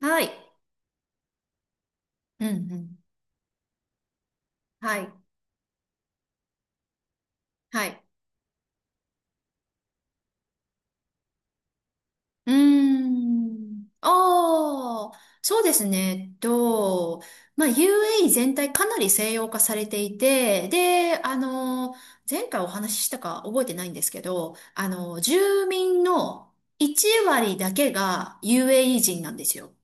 はい。うんうん。はい。はい。うーん。ああ、そうですね。まあ、UAE 全体かなり西洋化されていて、で、前回お話ししたか覚えてないんですけど、住民の1割だけが UAE 人なんですよ。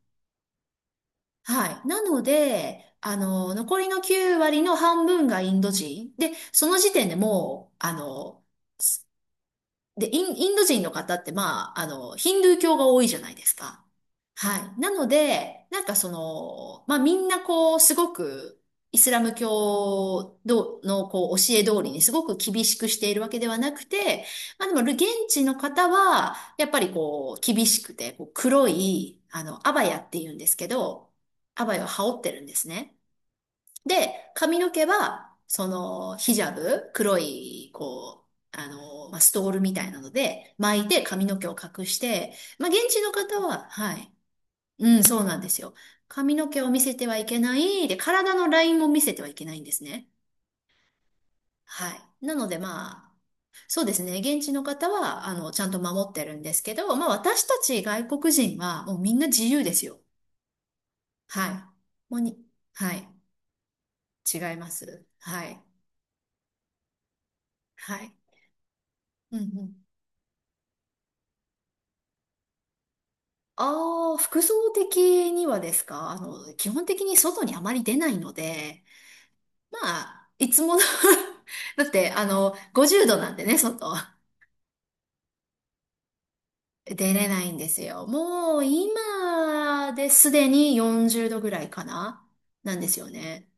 はい。なので、残りの9割の半分がインド人。で、その時点でもう、で、インド人の方って、まあ、ヒンドゥー教が多いじゃないですか。はい。なので、なんかその、まあ、みんなこう、すごく、イスラム教どのこう教え通りにすごく厳しくしているわけではなくて、まあでも現地の方は、やっぱりこう、厳しくて、こう黒い、アバヤって言うんですけど、アバヤを羽織ってるんですね。で、髪の毛は、その、ヒジャブ、黒い、こう、まあ、ストールみたいなので、巻いて髪の毛を隠して、まあ、現地の方は、はい。うん、そうなんですよ。髪の毛を見せてはいけない。で、体のラインも見せてはいけないんですね。はい。なので、まあ、そうですね。現地の方は、ちゃんと守ってるんですけど、まあ、私たち外国人は、もうみんな自由ですよ。はい。もうに、はい。違います。はい。はい。うんうん。ああ、服装的にはですか？基本的に外にあまり出ないので、まあ、いつもの だって、50度なんでね、外。出れないんですよ。もう、今ですでに40度ぐらいかな、なんですよね。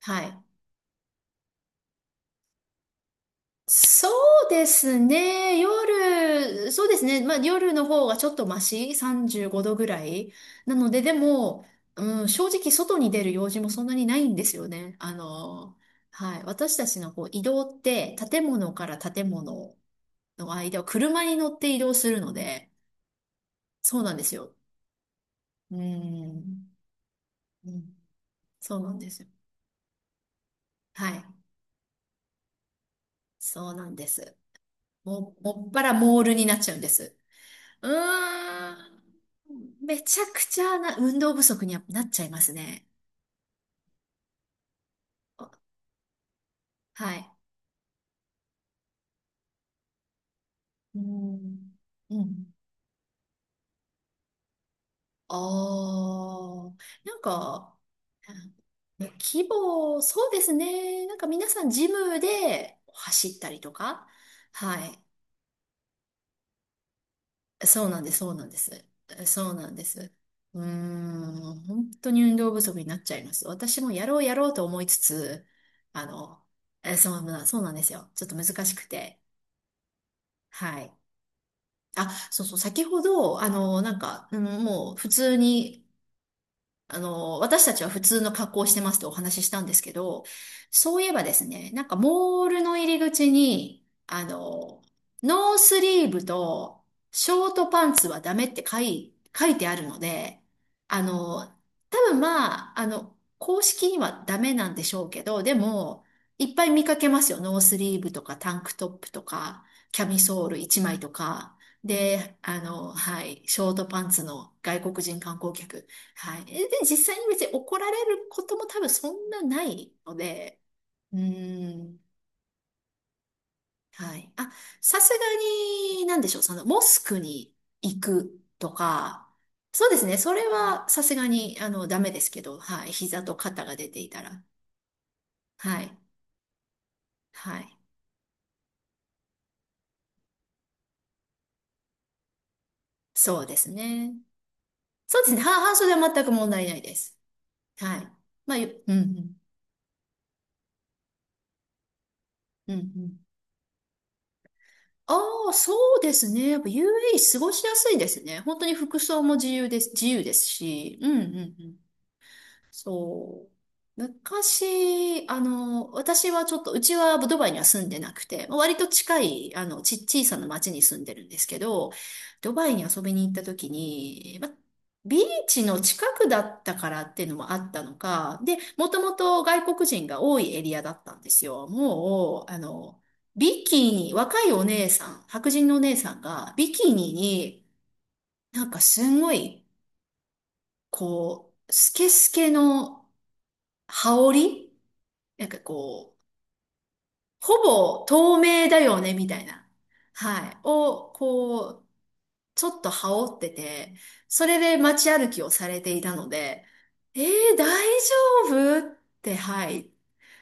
はい。そうですね。夜、そうですね。まあ夜の方がちょっとマシ、35度ぐらい。なので、でも、うん、正直外に出る用事もそんなにないんですよね。はい。私たちのこう移動って、建物から建物の間を車に乗って移動するので、そうなんですよ。うん、うん、そうなんですよ。はい。そうなんです。もっぱらモールになっちゃうんです。うーん。めちゃくちゃな運動不足にはなっちゃいますね。あ、はい。うん。うん。ああ。なんか、うん、規模、そうですね。なんか皆さんジムで走ったりとか。はい。そうなんです、そうなんです。そうなんです。うーん。本当に運動不足になっちゃいます。私もやろうやろうと思いつつ、あの、そうなんですよ。ちょっと難しくて。はい。あ、そうそう、先ほど、なんか、うん、もう普通に、私たちは普通の格好をしてますとお話ししたんですけど、そういえばですね、なんかモールの入り口に、ノースリーブとショートパンツはダメって書いてあるので、あの、多分まあ、公式にはダメなんでしょうけど、でも、いっぱい見かけますよ。ノースリーブとかタンクトップとか、キャミソール1枚とか。で、はい、ショートパンツの外国人観光客。はい。で、実際に別に怒られることも多分そんなないので、うーん。はい。あ、さすがに、なんでしょう、その、モスクに行くとか、そうですね、それはさすがに、ダメですけど、はい。膝と肩が出ていたら。はい。はい。そうですね。そうですね、半袖は全く問題ないです。はい。まあ、ゆうん、うん、うん、うん。ああ、そうですね。やっぱ UAE 過ごしやすいですね。本当に服装も自由です、自由ですし。うんうんうん。そう。昔、私はちょっと、うちはドバイには住んでなくて、まあ割と近い、小さな町に住んでるんですけど、ドバイに遊びに行った時に、まあビーチの近くだったからっていうのもあったのか、で、もともと外国人が多いエリアだったんですよ。もう、ビキニ、若いお姉さん、白人のお姉さんが、ビキニになんかすんごい、こう、スケスケの羽織なんかこう、ほぼ透明だよね、みたいな。はい。を、こう、ちょっと羽織ってて、それで街歩きをされていたので、え大丈夫って、はい。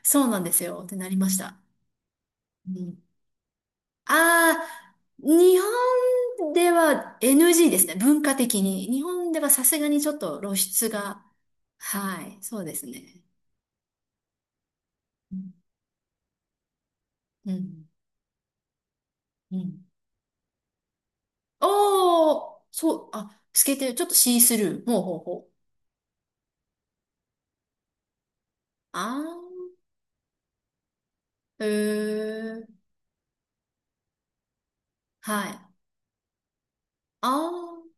そうなんですよ。ってなりました。うん。ああ、日本では NG ですね。文化的に。日本ではさすがにちょっと露出が。はい。そうですね。うん。うん。うん、おー、そう、あ、透けてる。ちょっとシースルー。ほうほうほう。あー、へー、はい。あ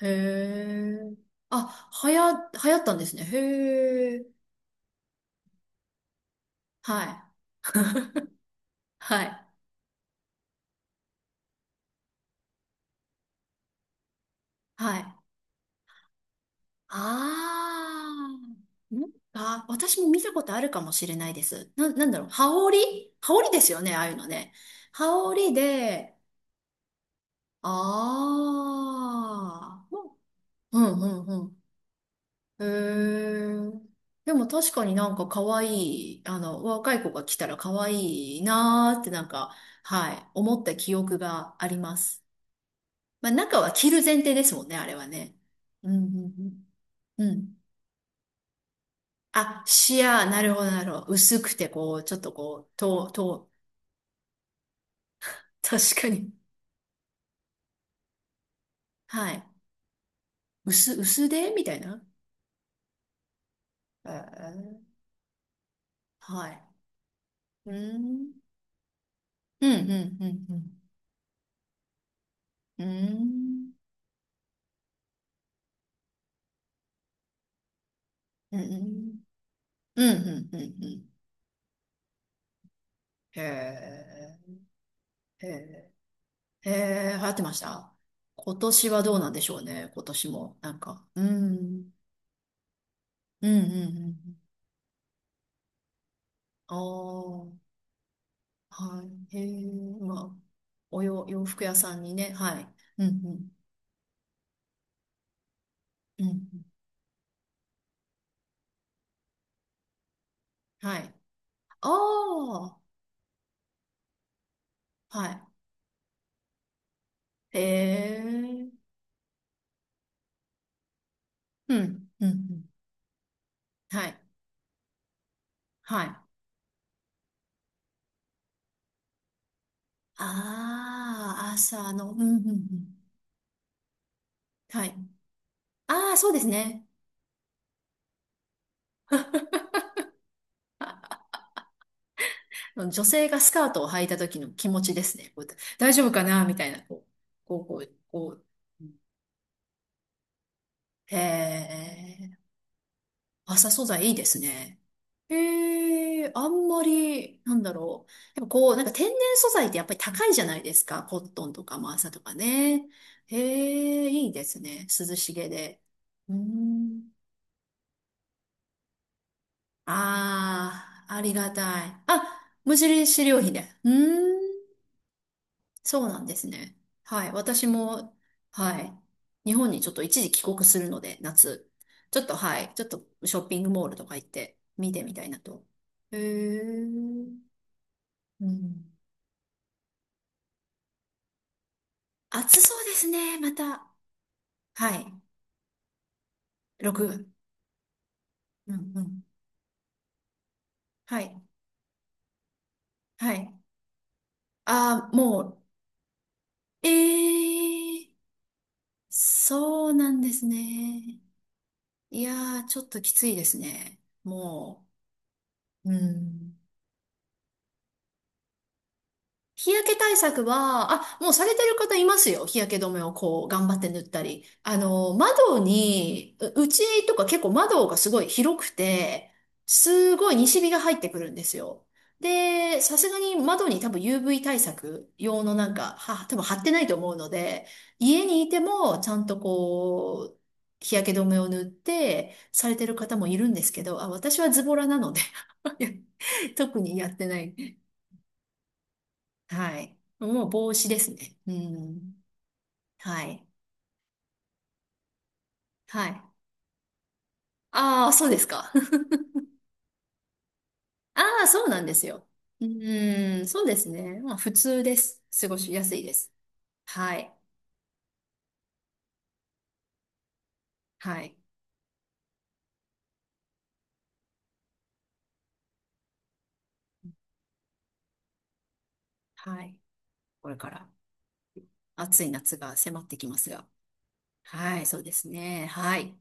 ー、へー。あ、流行ったんですね。へー、はい。はい。はい。あー。私も見たことあるかもしれないです。なんだろう。羽織羽織ですよね、ああいうのね。羽織で、ああ。うんうんうん、へえ。でも確かになんか可愛い、若い子が来たら可愛いなーってなんか、はい、思った記憶があります。まあ中は着る前提ですもんね、あれはね。うん、うん、うん。うん、あ、シアー、なるほど、なるほど。薄くてこう、ちょっとこう、確かに。はい。薄でみたいな。えー、はい。うん。うん、うん、うん、うん。うん。うん、うん、うん、うん、うん。うん、へえ、へえ、へえ、流行ってました。今年はどうなんでしょうね、今年も。なんか、うん、うん、うん、うん。ああ、はい、へえ、まあ、洋服屋さんにね、はい、うん、うん、うん、はい。ああ、はい、へえ、うん、うん、うん、はい、はい。ああ、朝の、うん、うん、うん、はい。ああ、そうですね。女性がスカートを履いた時の気持ちですね。こう、大丈夫かなみたいな、こう、こう、こう、こう。へえ、麻素材いいですね。へえ、あんまり、なんだろう。やっぱこう、なんか天然素材ってやっぱり高いじゃないですか。コットンとかも麻とかね。へえ、いいですね。涼しげで。うーん。ああ、ありがたい。あ、無印良品で。うーん。そうなんですね。はい。私も、はい。日本にちょっと一時帰国するので、夏。ちょっと、はい。ちょっとショッピングモールとか行って見てみたいなと。へえ。うん。暑そうですね、また。はい。6。うんうん。はい。はい。ああ、もう、ええ、そうなんですね。いやー、ちょっときついですね。もう。うん。日焼け対策は、あ、もうされてる方いますよ。日焼け止めをこう、頑張って塗ったり。窓に、うちとか結構窓がすごい広くて、すごい西日が入ってくるんですよ。で、さすがに窓に多分 UV 対策用のなんか、多分貼ってないと思うので、家にいてもちゃんとこう、日焼け止めを塗ってされてる方もいるんですけど、あ、私はズボラなので 特にやってない。はい。もう帽子ですね。うん。はい。はい。ああ、そうですか。ああ、そうなんですよ。うーん、そうですね。まあ、普通です。過ごしやすいです。はい。はい。はい。これから暑い夏が迫ってきますが。はい、そうですね。はい。